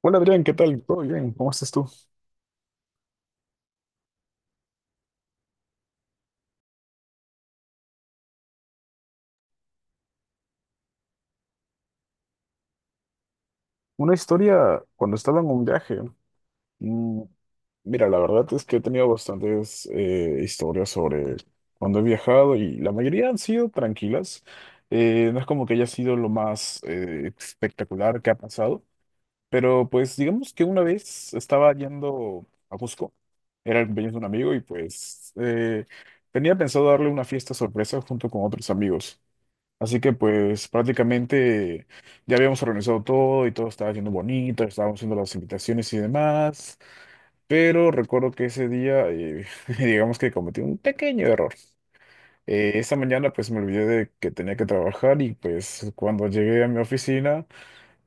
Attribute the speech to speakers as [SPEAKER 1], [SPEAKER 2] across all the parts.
[SPEAKER 1] Hola Adrián, ¿qué tal? ¿Todo bien? ¿Cómo estás tú? Una historia cuando estaba en un viaje. Mm, Mira, la verdad es que he tenido bastantes historias sobre cuando he viajado y la mayoría han sido tranquilas. No es como que haya sido lo más espectacular que ha pasado, pero pues digamos que una vez estaba yendo a Cusco, era el cumpleaños de un amigo y pues tenía pensado darle una fiesta sorpresa junto con otros amigos. Así que pues prácticamente ya habíamos organizado todo y todo estaba yendo bonito, estábamos haciendo las invitaciones y demás, pero recuerdo que ese día digamos que cometí un pequeño error. Esa mañana pues me olvidé de que tenía que trabajar y pues cuando llegué a mi oficina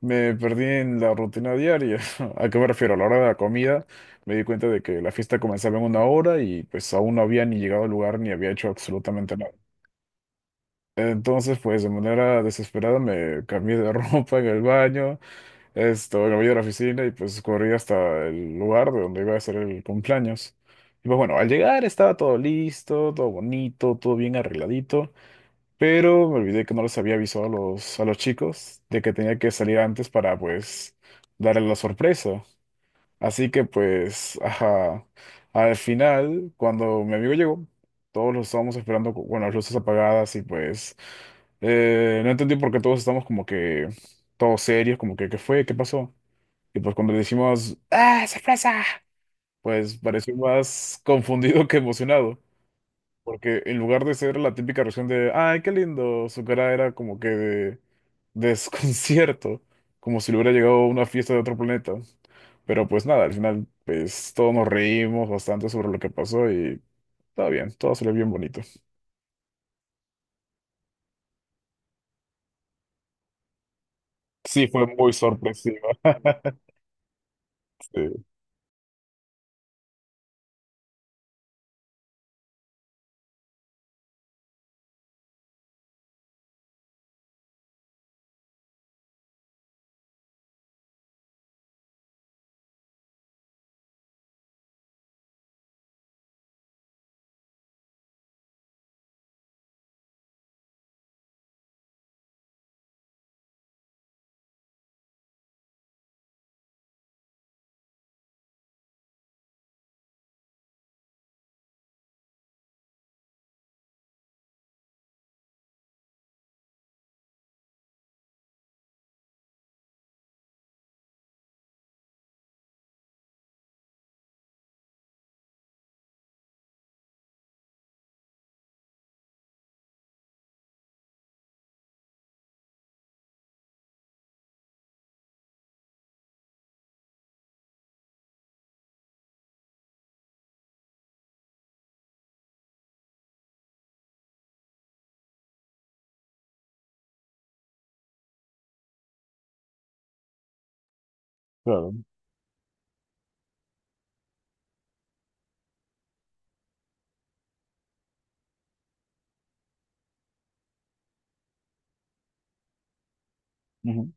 [SPEAKER 1] me perdí en la rutina diaria. ¿A qué me refiero? A la hora de la comida me di cuenta de que la fiesta comenzaba en una hora y pues aún no había ni llegado al lugar ni había hecho absolutamente nada. Entonces, pues de manera desesperada me cambié de ropa en el baño, esto, me voy a la oficina y pues corrí hasta el lugar de donde iba a hacer el cumpleaños. Y pues bueno, al llegar estaba todo listo, todo bonito, todo bien arregladito, pero me olvidé que no les había avisado a los chicos de que tenía que salir antes para pues darle la sorpresa. Así que pues, ajá, al final, cuando mi amigo llegó, todos lo estábamos esperando con bueno, las luces apagadas y pues no entendí por qué todos estamos como que todos serios, como que ¿qué fue? ¿Qué pasó? Y pues cuando le decimos, ¡ah, sorpresa! Pues pareció más confundido que emocionado, porque en lugar de ser la típica reacción de, ¡ay, qué lindo! Su cara era como que de desconcierto, como si le hubiera llegado a una fiesta de otro planeta. Pero pues nada, al final pues todos nos reímos bastante sobre lo que pasó y está bien, todo salió bien bonito. Sí, fue muy sorpresiva. Sí, claro. Ujú,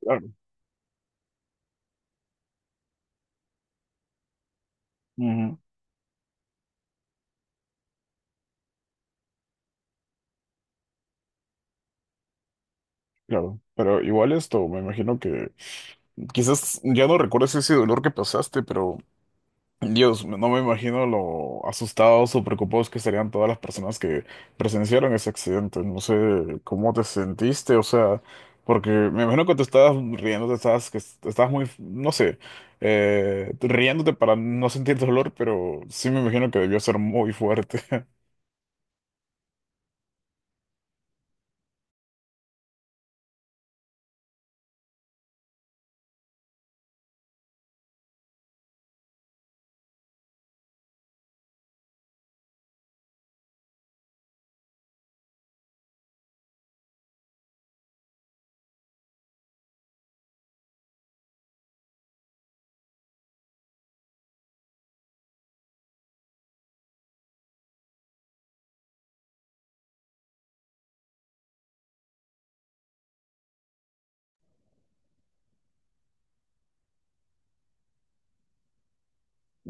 [SPEAKER 1] claro. Ujú, claro. Pero igual esto, me imagino que quizás ya no recuerdes ese dolor que pasaste, pero Dios, no me imagino lo asustados o preocupados que estarían todas las personas que presenciaron ese accidente. No sé cómo te sentiste, o sea, porque me imagino que te estabas riendo, te estabas, que te estabas muy, no sé, riéndote para no sentir dolor, pero sí me imagino que debió ser muy fuerte.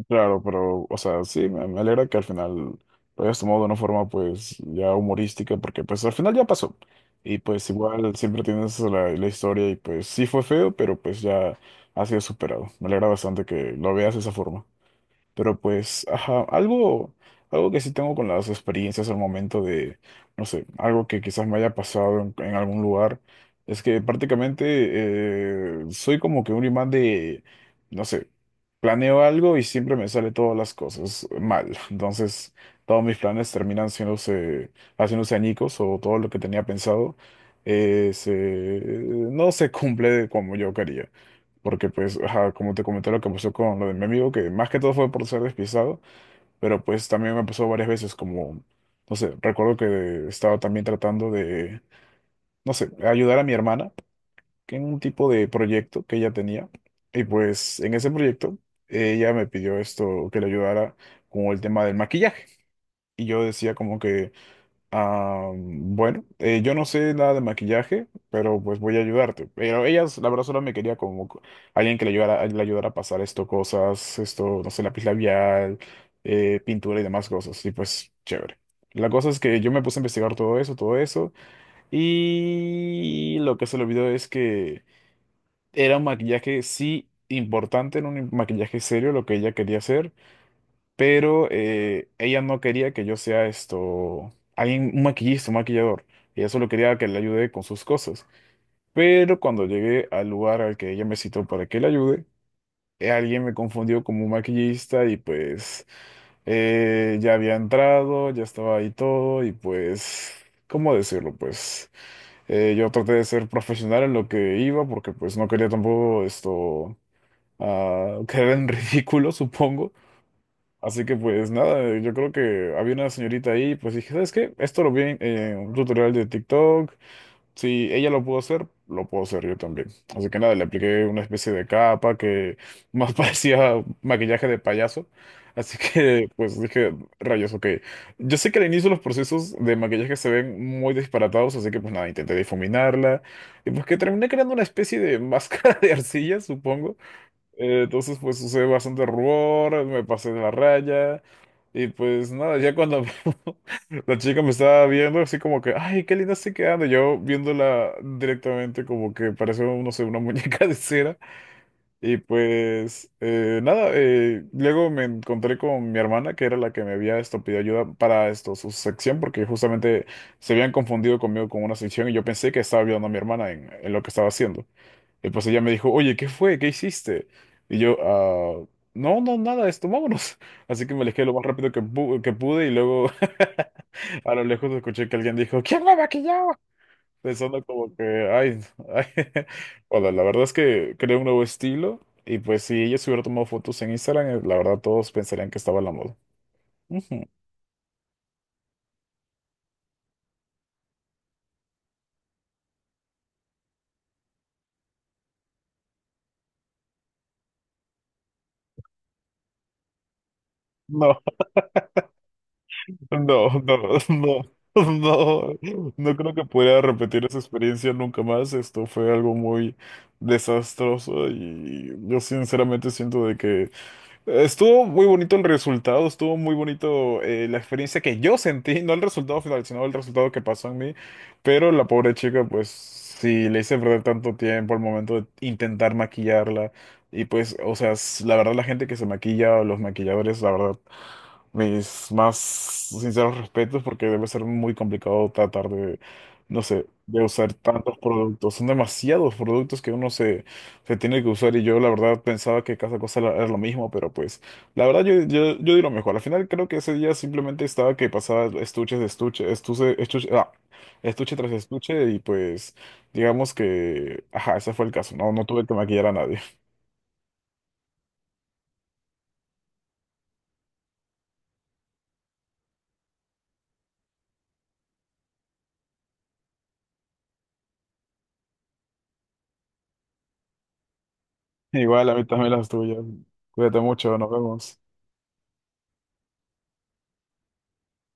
[SPEAKER 1] Claro, pero, o sea, sí, me alegra que al final lo hayas tomado de una forma, pues, ya humorística, porque, pues, al final ya pasó. Y, pues, igual siempre tienes la, la historia y, pues, sí fue feo, pero, pues, ya ha sido superado. Me alegra bastante que lo veas de esa forma. Pero pues, ajá, algo, que sí tengo con las experiencias al momento de, no sé, algo que quizás me haya pasado en algún lugar, es que prácticamente soy como que un imán de, no sé, planeo algo y siempre me sale todas las cosas mal. Entonces, todos mis planes terminan haciéndose añicos o todo lo que tenía pensado eh, se- no se cumple como yo quería. Porque pues, ajá, como te comenté lo que pasó con lo de mi amigo, que más que todo fue por ser despistado, pero pues también me pasó varias veces como, no sé, recuerdo que estaba también tratando de, no sé, ayudar a mi hermana que en un tipo de proyecto que ella tenía. Y pues en ese proyecto ella me pidió esto, que le ayudara con el tema del maquillaje. Y yo decía como que, ah, bueno, yo no sé nada de maquillaje, pero pues voy a ayudarte. Pero ellas, la verdad, solo me quería como alguien que le ayudara a pasar esto, cosas, esto, no sé, lápiz labial, pintura y demás cosas. Y pues, chévere. La cosa es que yo me puse a investigar todo eso, y lo que se le olvidó es que era un maquillaje, sí, importante, era un maquillaje serio lo que ella quería hacer pero ella no quería que yo sea esto, alguien, un maquillista, un maquillador. Ella solo quería que le ayude con sus cosas. Pero cuando llegué al lugar al que ella me citó para que le ayude, alguien me confundió como un maquillista y pues ya había entrado, ya estaba ahí todo y pues, ¿cómo decirlo? Pues yo traté de ser profesional en lo que iba porque pues no quería tampoco esto quedar en ridículo, supongo. Así que pues nada, yo creo que había una señorita ahí, pues dije, ¿sabes qué? Esto lo vi en un tutorial de TikTok, si ella lo pudo hacer, lo puedo hacer yo también. Así que nada, le apliqué una especie de capa que más parecía maquillaje de payaso. Así que pues dije, rayos, ok. Yo sé que al inicio los procesos de maquillaje se ven muy disparatados, así que pues nada, intenté difuminarla. Y pues que terminé creando una especie de máscara de arcilla, supongo. Entonces, pues sucede bastante rubor, me pasé de la raya. Y pues nada, ya cuando la chica me estaba viendo, así como que, ay, qué linda estoy quedando. Yo viéndola directamente, como que parece, no sé, una muñeca de cera. Y pues nada, luego me encontré con mi hermana, que era la que me había esto, pedido ayuda para esto, su sección, porque justamente se habían confundido conmigo con una sección y yo pensé que estaba ayudando a mi hermana en lo que estaba haciendo. Y pues ella me dijo, oye, ¿qué fue? ¿Qué hiciste? Y yo, ah, no, no, nada, esto, vámonos. Así que me alejé lo más rápido que, que pude y luego a lo lejos escuché que alguien dijo, ¿quién me maquillaba? Pensando como que, ay, ay. Bueno, la verdad es que creé un nuevo estilo y pues si ella se hubiera tomado fotos en Instagram, la verdad todos pensarían que estaba en la moda. Ujú. No, no, no, no, no creo que pudiera repetir esa experiencia nunca más. Esto fue algo muy desastroso y yo sinceramente siento de que estuvo muy bonito el resultado, estuvo muy bonito la experiencia que yo sentí, no el resultado final, sino el resultado que pasó en mí, pero la pobre chica, pues sí, le hice perder tanto tiempo al momento de intentar maquillarla y pues, o sea, la verdad la gente que se maquilla o los maquilladores, la verdad, mis más sinceros respetos porque debe ser muy complicado tratar de, no sé, de usar tantos productos, son demasiados productos que uno se tiene que usar y yo la verdad pensaba que cada cosa era lo mismo, pero pues la verdad yo di lo mejor. Al final creo que ese día simplemente estaba que pasaba estuches de estuche, estuche, estuche, estuche tras estuche y pues digamos que, ajá, ese fue el caso, no, no tuve que maquillar a nadie. Igual a mí también las tuyas. Cuídate mucho, nos vemos.